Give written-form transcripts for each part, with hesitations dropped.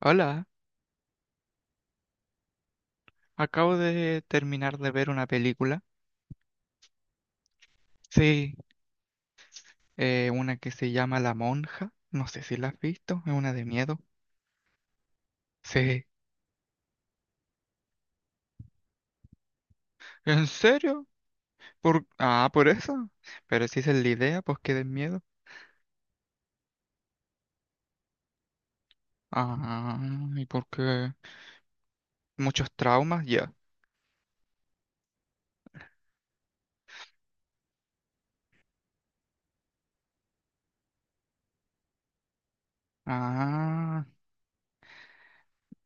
Hola, acabo de terminar de ver una película. Sí, una que se llama La Monja. No sé si la has visto, es una de miedo. Sí. ¿En serio? Ah, por eso. Pero si esa es la idea, pues que den miedo. Ah, ¿y por qué? Muchos traumas, ya. Ah,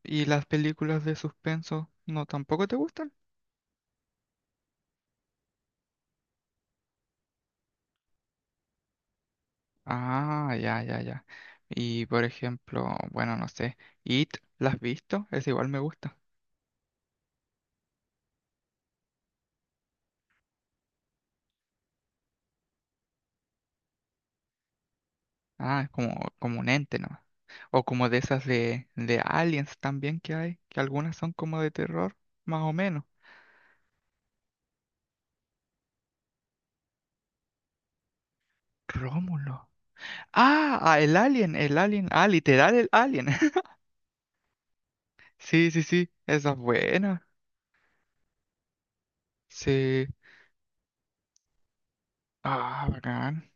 ¿y las películas de suspenso no tampoco te gustan? Ah, ya, ya, ya. Y por ejemplo, bueno, no sé, It, ¿la has visto? Es igual me gusta. Ah, es como, como un ente, ¿no? O como de esas de aliens también que hay, que algunas son como de terror, más o menos. Rómulo. Ah, ah, el alien, el alien. Ah, literal el alien. Sí, sí, sí. Esa es buena. Sí. Ah, bacán.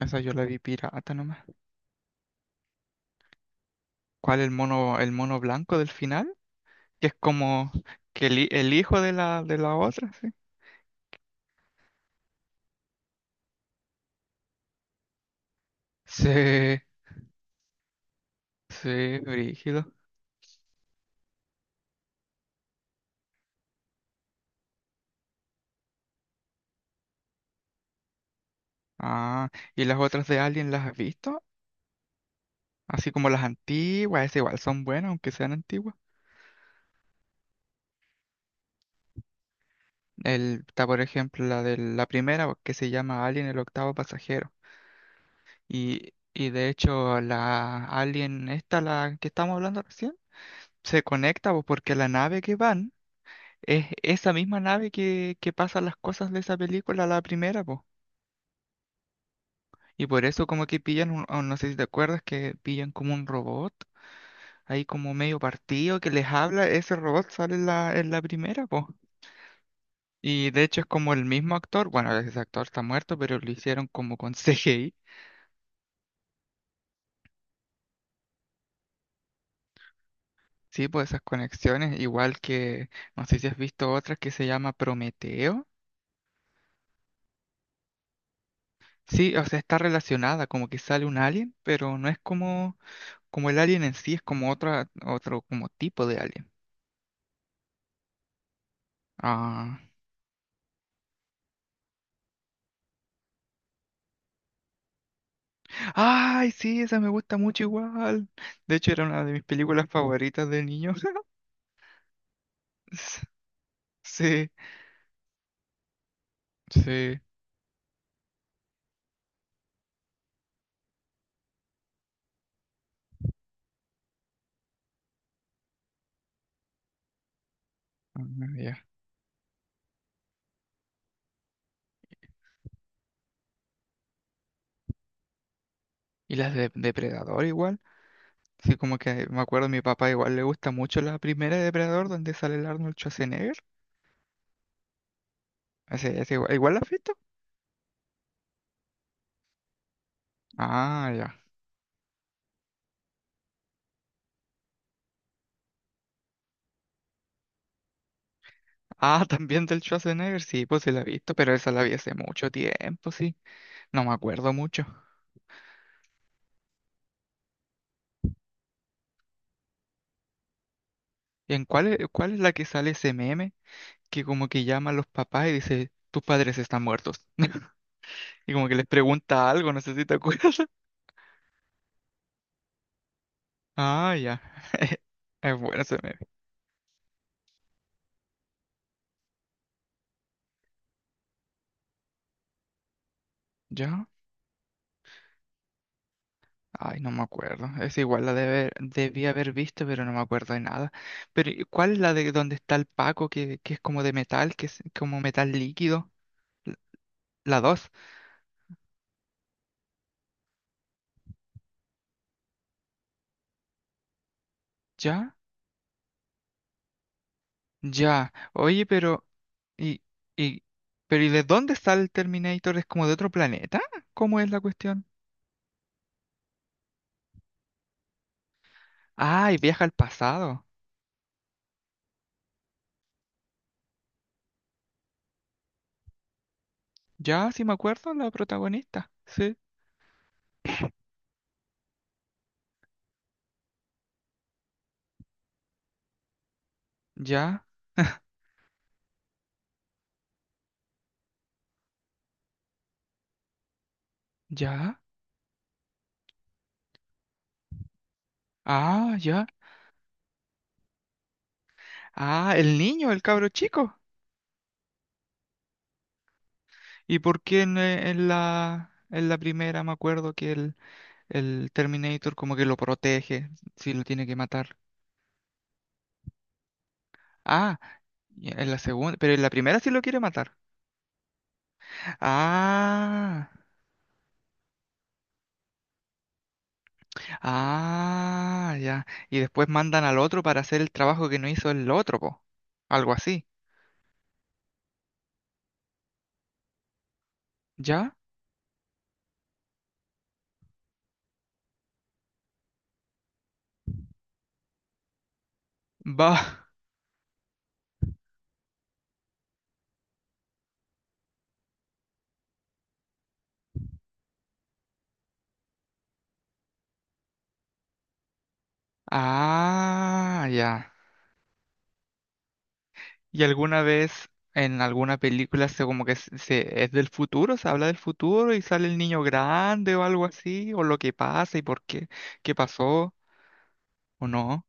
Esa yo la vi pirata nomás. ¿Cuál el mono blanco del final? Que es como que el hijo de la otra, sí. Sí, sí, brígido. Ah, ¿y las otras de Alien las has visto? Así como las antiguas, esas igual son buenas, aunque sean antiguas. Está, por ejemplo, la de la primera, que se llama Alien el octavo pasajero. Y de hecho, la Alien, esta, la que estamos hablando recién, se conecta pues, porque la nave que van es esa misma nave que pasa las cosas de esa película, la primera, pues. Y por eso como que pillan, un, o no sé si te acuerdas, que pillan como un robot, ahí como medio partido que les habla, ese robot sale en la primera, pues. Y de hecho es como el mismo actor, bueno, ese actor está muerto, pero lo hicieron como con CGI, sí, pues esas conexiones, igual que, no sé si has visto otra que se llama Prometeo, sí, o sea, está relacionada, como que sale un alien, pero no es como, como el alien en sí, es como otra, otro como tipo de alien. Ah. Ay, sí, esa me gusta mucho igual. De hecho, era una de mis películas favoritas de niño. Sí, sí. Ah, ya. Y las de Depredador igual. Sí, como que me acuerdo, mi papá igual le gusta mucho la primera de Depredador donde sale el Arnold Schwarzenegger. Ese igual, ¿igual la has visto? Ah, ya. Ah, también del Schwarzenegger, sí, pues sí la he visto, pero esa la vi hace mucho tiempo, sí. No me acuerdo mucho. ¿Y en cuál es la que sale ese meme que como que llama a los papás y dice, tus padres están muertos? Y como que les pregunta algo, no sé si te acuerdas. Ah, ya. Es bueno ese meme. ¿Ya? Ay, no me acuerdo. Es igual, la debe, debí haber visto, pero no me acuerdo de nada. Pero, ¿cuál es la de donde está el Paco, que es como de metal, que es como metal líquido? L- La dos. ¿Ya? Ya. Oye, ¿y, y, ¿y de dónde está el Terminator? ¿Es como de otro planeta? ¿Cómo es la cuestión? Ay, viaja al pasado. Ya, sí me acuerdo, la protagonista. Sí. Ya, ya. Ah, ya. Ah, el niño, el cabro chico. ¿Y por qué en la primera me acuerdo el Terminator como que lo protege si lo tiene que matar? Ah, y en la segunda, pero en la primera sí lo quiere matar. Ah, ah, ya. Y después mandan al otro para hacer el trabajo que no hizo el otro, po. Algo así. ¿Ya? Va. Ah, ya. ¿Y alguna vez en alguna película se como que es del futuro, se habla del futuro y sale el niño grande o algo así, o lo que pasa y por qué, qué pasó o no?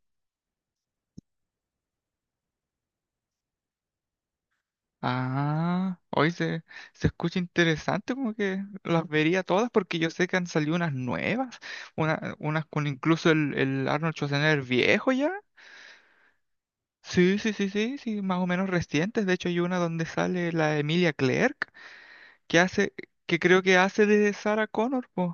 Ah, se escucha interesante, como que las vería todas porque yo sé que han salido unas nuevas, unas con incluso el Arnold Schwarzenegger viejo ya. Sí, sí, sí, sí, sí, más o menos recientes. De hecho, hay una donde sale la Emilia Clarke que hace, que creo que hace de Sarah Connor, pues.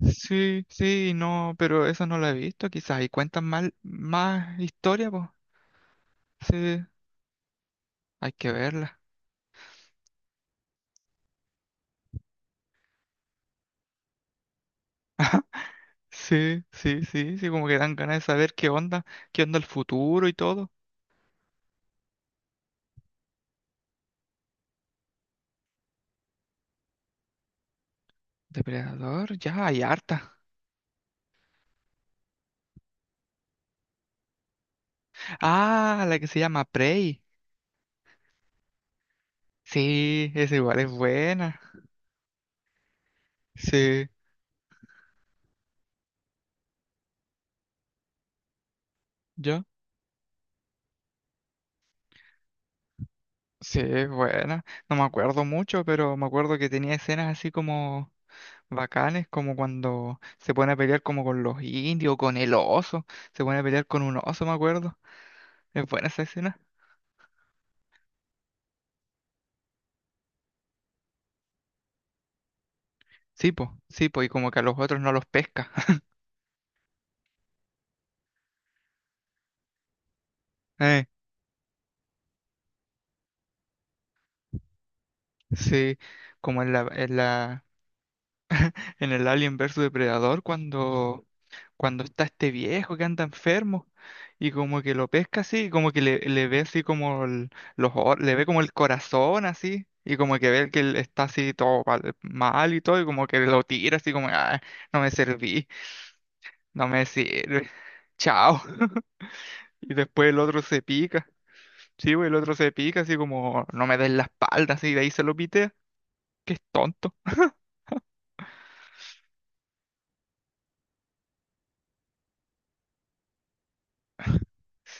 Sí, sí, no, pero eso no lo he visto, quizás. Y cuentan mal, más historia, pues. Sí, hay que verla. Sí, sí, sí, sí, como que dan ganas de saber qué onda el futuro y todo. Depredador, ya hay harta. Ah, la que se llama Prey. Sí, esa igual es buena. Sí, ¿yo? Sí, es buena. No me acuerdo mucho, pero me acuerdo que tenía escenas así como bacanes, como cuando se pone a pelear como con los indios, con el oso, se pone a pelear con un oso, me acuerdo. Es buena esa escena. Sí, po, y como que a los otros no los pesca. Eh, sí, como en la, en la, en el Alien versus Depredador, cuando está este viejo que anda enfermo, y como que lo pesca así, y como que le ve así como le ve como el corazón así. Y como que ve que él está así todo mal mal y todo, y como que lo tira así como, ah, no me serví. No me sirve. Chao. Y después el otro se pica. Sí, güey, el otro se pica, así como, no me des la espalda, así, de ahí se lo pite. Que es tonto.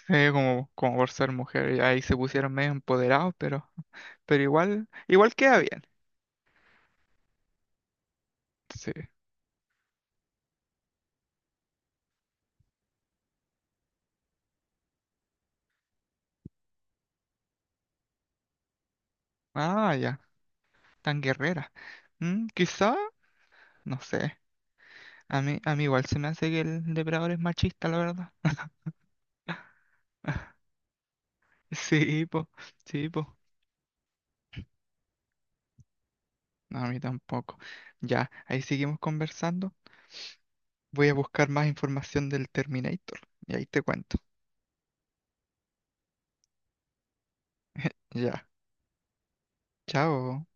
Como, como por ser mujer, y ahí se pusieron medio empoderados, pero igual, igual queda bien. Sí. Ah, ya, tan guerrera. Mm, quizá, no sé. A mí igual se me hace que el depredador es machista, la verdad. Sí, po, sí, po. No, a mí tampoco. Ya, ahí seguimos conversando. Voy a buscar más información del Terminator y ahí te cuento. Ya, chao.